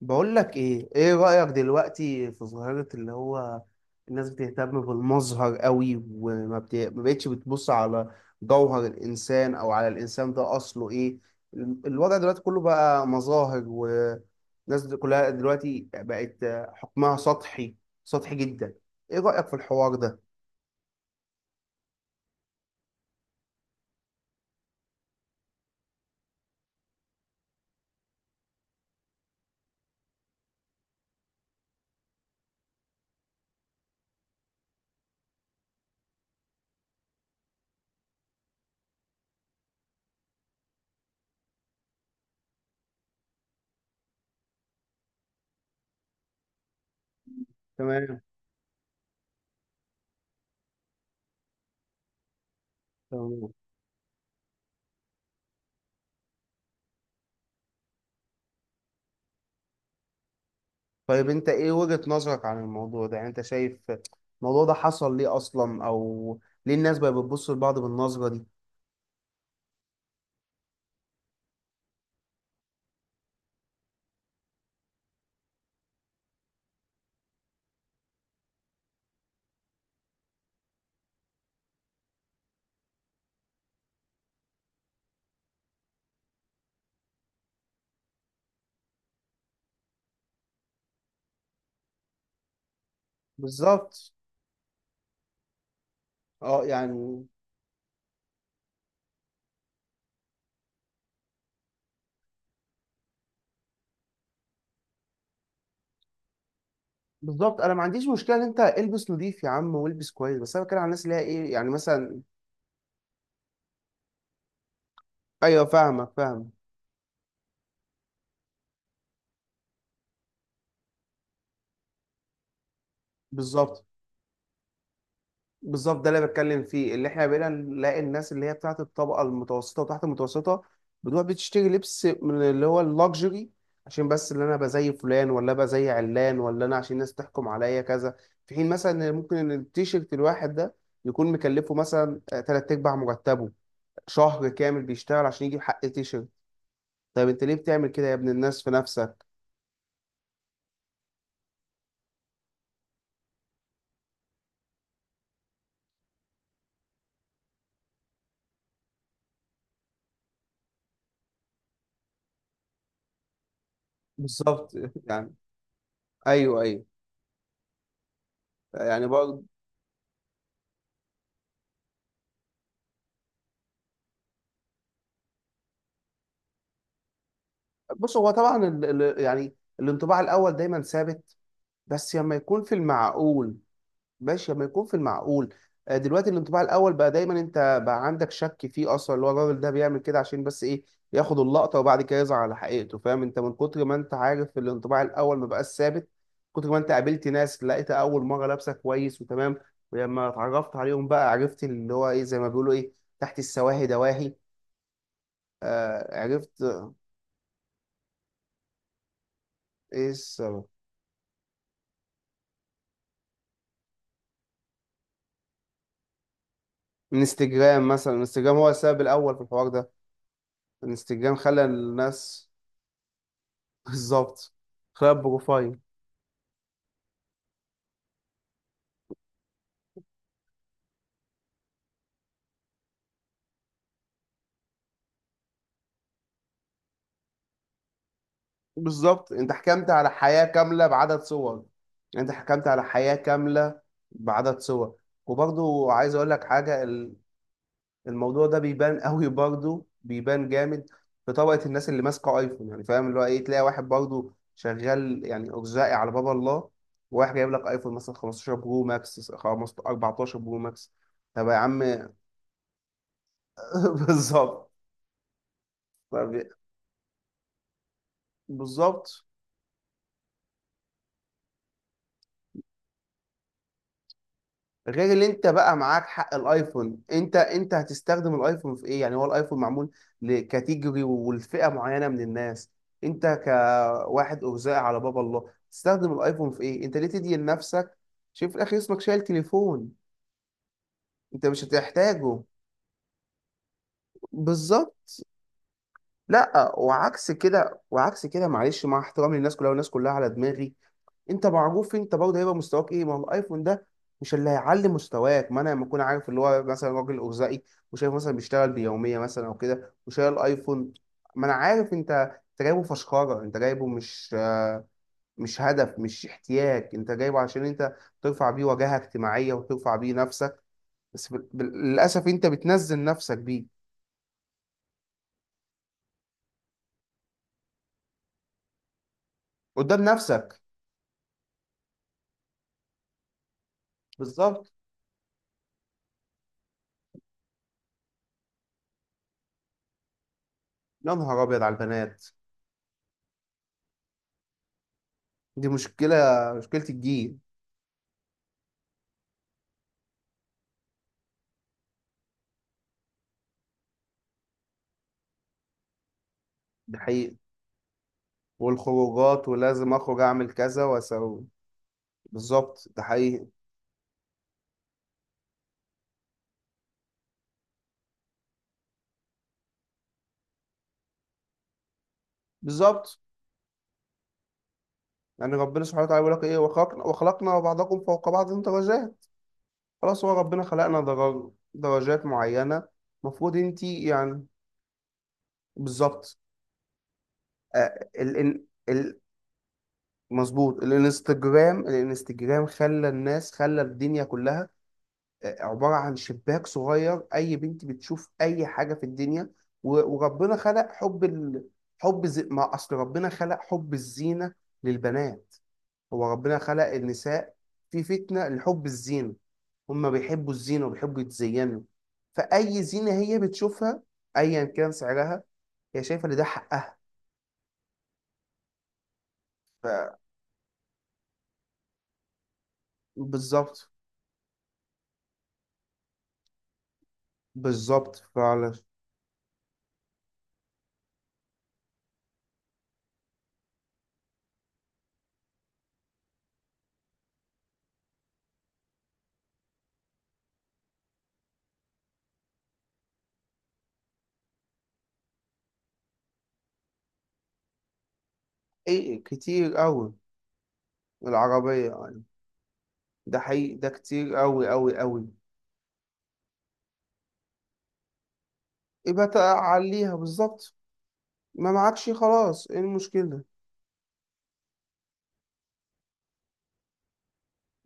بقول لك ايه رأيك دلوقتي في ظاهرة اللي هو الناس بتهتم بالمظهر قوي، ما بقتش بتبص على جوهر الانسان او على الانسان ده اصله ايه. الوضع دلوقتي كله بقى مظاهر، والناس دي كلها دلوقتي بقت حكمها سطحي، سطحي جدا. ايه رأيك في الحوار ده؟ تمام. تمام. طيب انت ايه وجهة نظرك عن الموضوع ده؟ يعني انت شايف الموضوع ده حصل ليه اصلا، او ليه الناس بقت بتبص لبعض بالنظرة دي؟ بالظبط. اه يعني. بالظبط انا ما عنديش مشكله ان انت البس نظيف يا عم والبس كويس، بس انا بتكلم على الناس اللي هي ايه يعني مثلا. ايوه، فاهمك، فاهم. بالظبط. بالظبط، ده اللي بتكلم فيه، اللي احنا بقينا نلاقي الناس اللي هي بتاعت الطبقه المتوسطه وتحت المتوسطه بتروح بتشتري لبس من اللي هو اللوكسجري عشان بس اللي انا ابقى زي فلان، ولا ابقى زي علان، ولا انا عشان الناس تحكم عليا كذا. في حين مثلا إن ممكن ان التيشيرت الواحد ده يكون مكلفه مثلا تلات ارباع مرتبه، شهر كامل بيشتغل عشان يجيب حق تيشيرت. طيب انت ليه بتعمل كده يا ابن الناس في نفسك؟ بالظبط. يعني. ايوه، ايوه. يعني برضه. بص، هو طبعا يعني الانطباع الاول دايما ثابت، بس لما يكون في المعقول. ماشي، لما يكون في المعقول. دلوقتي الانطباع الاول بقى دايما انت بقى عندك شك فيه اصلا، اللي هو الراجل ده بيعمل كده عشان بس ايه، ياخد اللقطه وبعد كده يظهر على حقيقته. فاهم، انت من كتر ما انت عارف الانطباع الاول ما بقاش ثابت. كتر ما انت قابلت ناس لقيت اول مره لابسه كويس وتمام، ولما اتعرفت عليهم بقى عرفت اللي هو ايه، زي ما بيقولوا ايه، تحت السواهي دواهي. آه، عرفت. ايه السبب؟ انستجرام مثلا. انستجرام هو السبب الاول في الحوار ده. انستجرام خلى الناس. بالظبط. خلى بروفايل. بالظبط، انت حكمت على حياة كاملة بعدد صور. انت حكمت على حياة كاملة بعدد صور. وبرضو عايز اقول لك حاجة. الموضوع ده بيبان قوي، برضو بيبان جامد في طبقة الناس اللي ماسكة ايفون يعني. فاهم اللي هو ايه، تلاقي واحد برضو شغال يعني ارزاقي على باب الله، وواحد جايب لك ايفون مثلا 15 برو ماكس، 15، 14 برو ماكس. طب يا عم. بالظبط. طب- بالظبط. غير اللي انت بقى معاك حق الايفون، انت هتستخدم الايفون في ايه يعني؟ هو الايفون معمول لكاتيجوري ولفئة معينة من الناس. انت كواحد ارزاق على باب الله تستخدم الايفون في ايه؟ انت ليه تدي لنفسك؟ شوف في الاخر اسمك شايل تليفون. انت مش هتحتاجه. بالظبط. لا، وعكس كده، وعكس كده، معلش مع احترامي للناس كلها والناس كلها على دماغي. انت معروف، انت برضه هيبقى مستواك ايه. ما هو الايفون ده مش اللي هيعلي مستواك. ما انا لما اكون عارف اللي هو مثلا راجل ارزاقي، وشايف مثلا بيشتغل بيوميه مثلا او كده وشايل الايفون، ما انا عارف انت جايبه فشخره، انت جايبه مش هدف، مش احتياج. انت جايبه عشان انت ترفع بيه واجهه اجتماعيه وترفع بيه نفسك. بس للاسف انت بتنزل نفسك بيه قدام نفسك. بالظبط. يا نهار ابيض على البنات. دي مشكلة، مشكلة الجيل. ده حقيقي. والخروجات، ولازم أخرج أعمل كذا وأسوي. بالظبط، ده حقيقي. بالظبط. يعني ربنا سبحانه وتعالى بيقول لك إيه، وخلقنا، وخلقنا بعضكم فوق بعض درجات. خلاص، هو ربنا خلقنا درجات معينة، المفروض أنت يعني. بالظبط. آه ال ال ال- مظبوط. الانستجرام خلى الناس، خلى الدنيا كلها عبارة عن شباك صغير. أي بنت بتشوف أي حاجة في الدنيا، وربنا خلق ما أصل ربنا خلق حب الزينة للبنات. هو ربنا خلق النساء في فتنة لحب الزينة، هما بيحبوا الزينة وبيحبوا يتزينوا. فأي زينة هي بتشوفها، أيا كان سعرها، هي شايفة إن ده حقها. ف... بالظبط. بالظبط فعلا. إيه، كتير أوي، العربية يعني. ده حقيقي، ده كتير أوي أوي أوي. يبقى تعليها. بالظبط. ما معكش خلاص، ايه المشكلة؟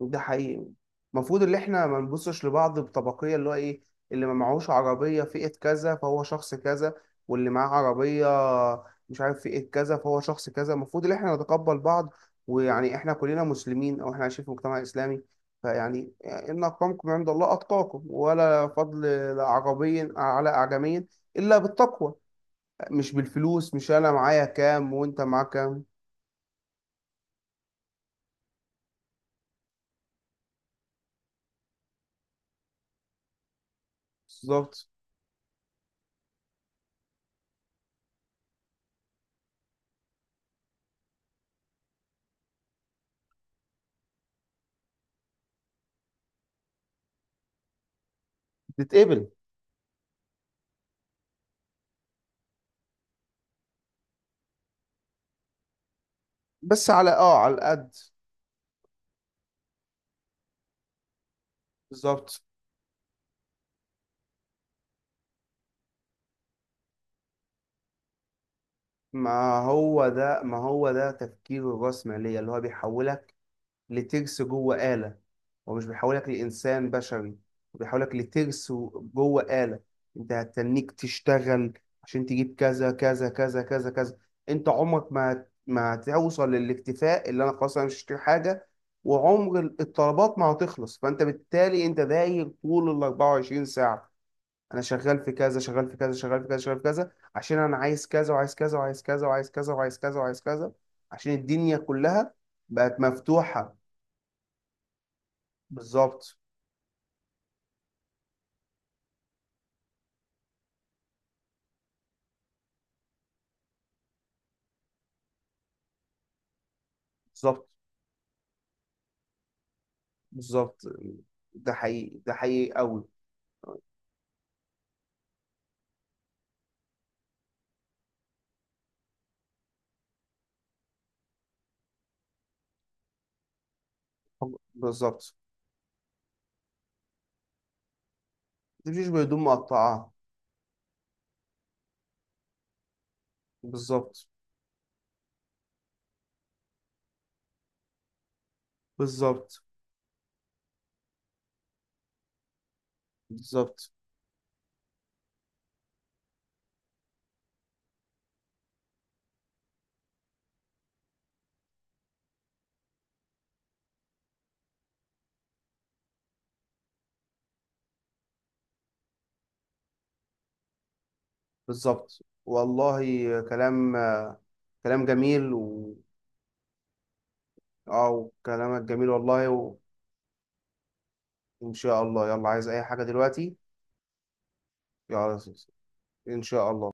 ده حقيقي. المفروض اللي احنا ما نبصش لبعض بطبقية، اللي هو ايه، اللي ما معهوش عربية فئة كذا فهو شخص كذا، واللي معاه عربية مش عارف فئة كذا فهو شخص كذا. المفروض اللي احنا نتقبل بعض، ويعني احنا كلنا مسلمين، او احنا عايشين في مجتمع اسلامي. فيعني ان اكرمكم عند الله اتقاكم، ولا فضل عربي على اعجمي الا بالتقوى. مش بالفلوس، مش انا معايا كام وانت معاك كام. بالظبط. تتقبل. بس على القد. بالظبط. ما هو ده تفكير الرأسمالية، اللي هو بيحولك لترس جوه آلة. هو مش بيحولك لإنسان بشري، هو بيحولك لترس جوه آلة. انت هتستنيك تشتغل عشان تجيب كذا كذا كذا كذا كذا. انت عمرك ما هتوصل للاكتفاء اللي انا خلاص انا مش هشتري حاجة، وعمر الطلبات ما هتخلص. فانت بالتالي انت داير طول ال 24 ساعة، انا شغال في كذا، شغال في كذا، شغال في كذا، شغال في كذا، عشان انا عايز كذا، وعايز كذا، وعايز كذا، وعايز كذا، وعايز كذا، وعايز كذا، عشان الدنيا كلها بقت مفتوحة. بالظبط. بالظبط. بالظبط، ده حقيقي، ده حقيقي قوي. بالظبط، ما تمشيش بهدوم مقطعة. بالظبط. بالظبط. بالظبط. بالظبط والله. كلام كلام جميل و. اه كلامك جميل والله ان شاء الله. يلا، عايز اي حاجة دلوقتي؟ يلا. ان شاء الله.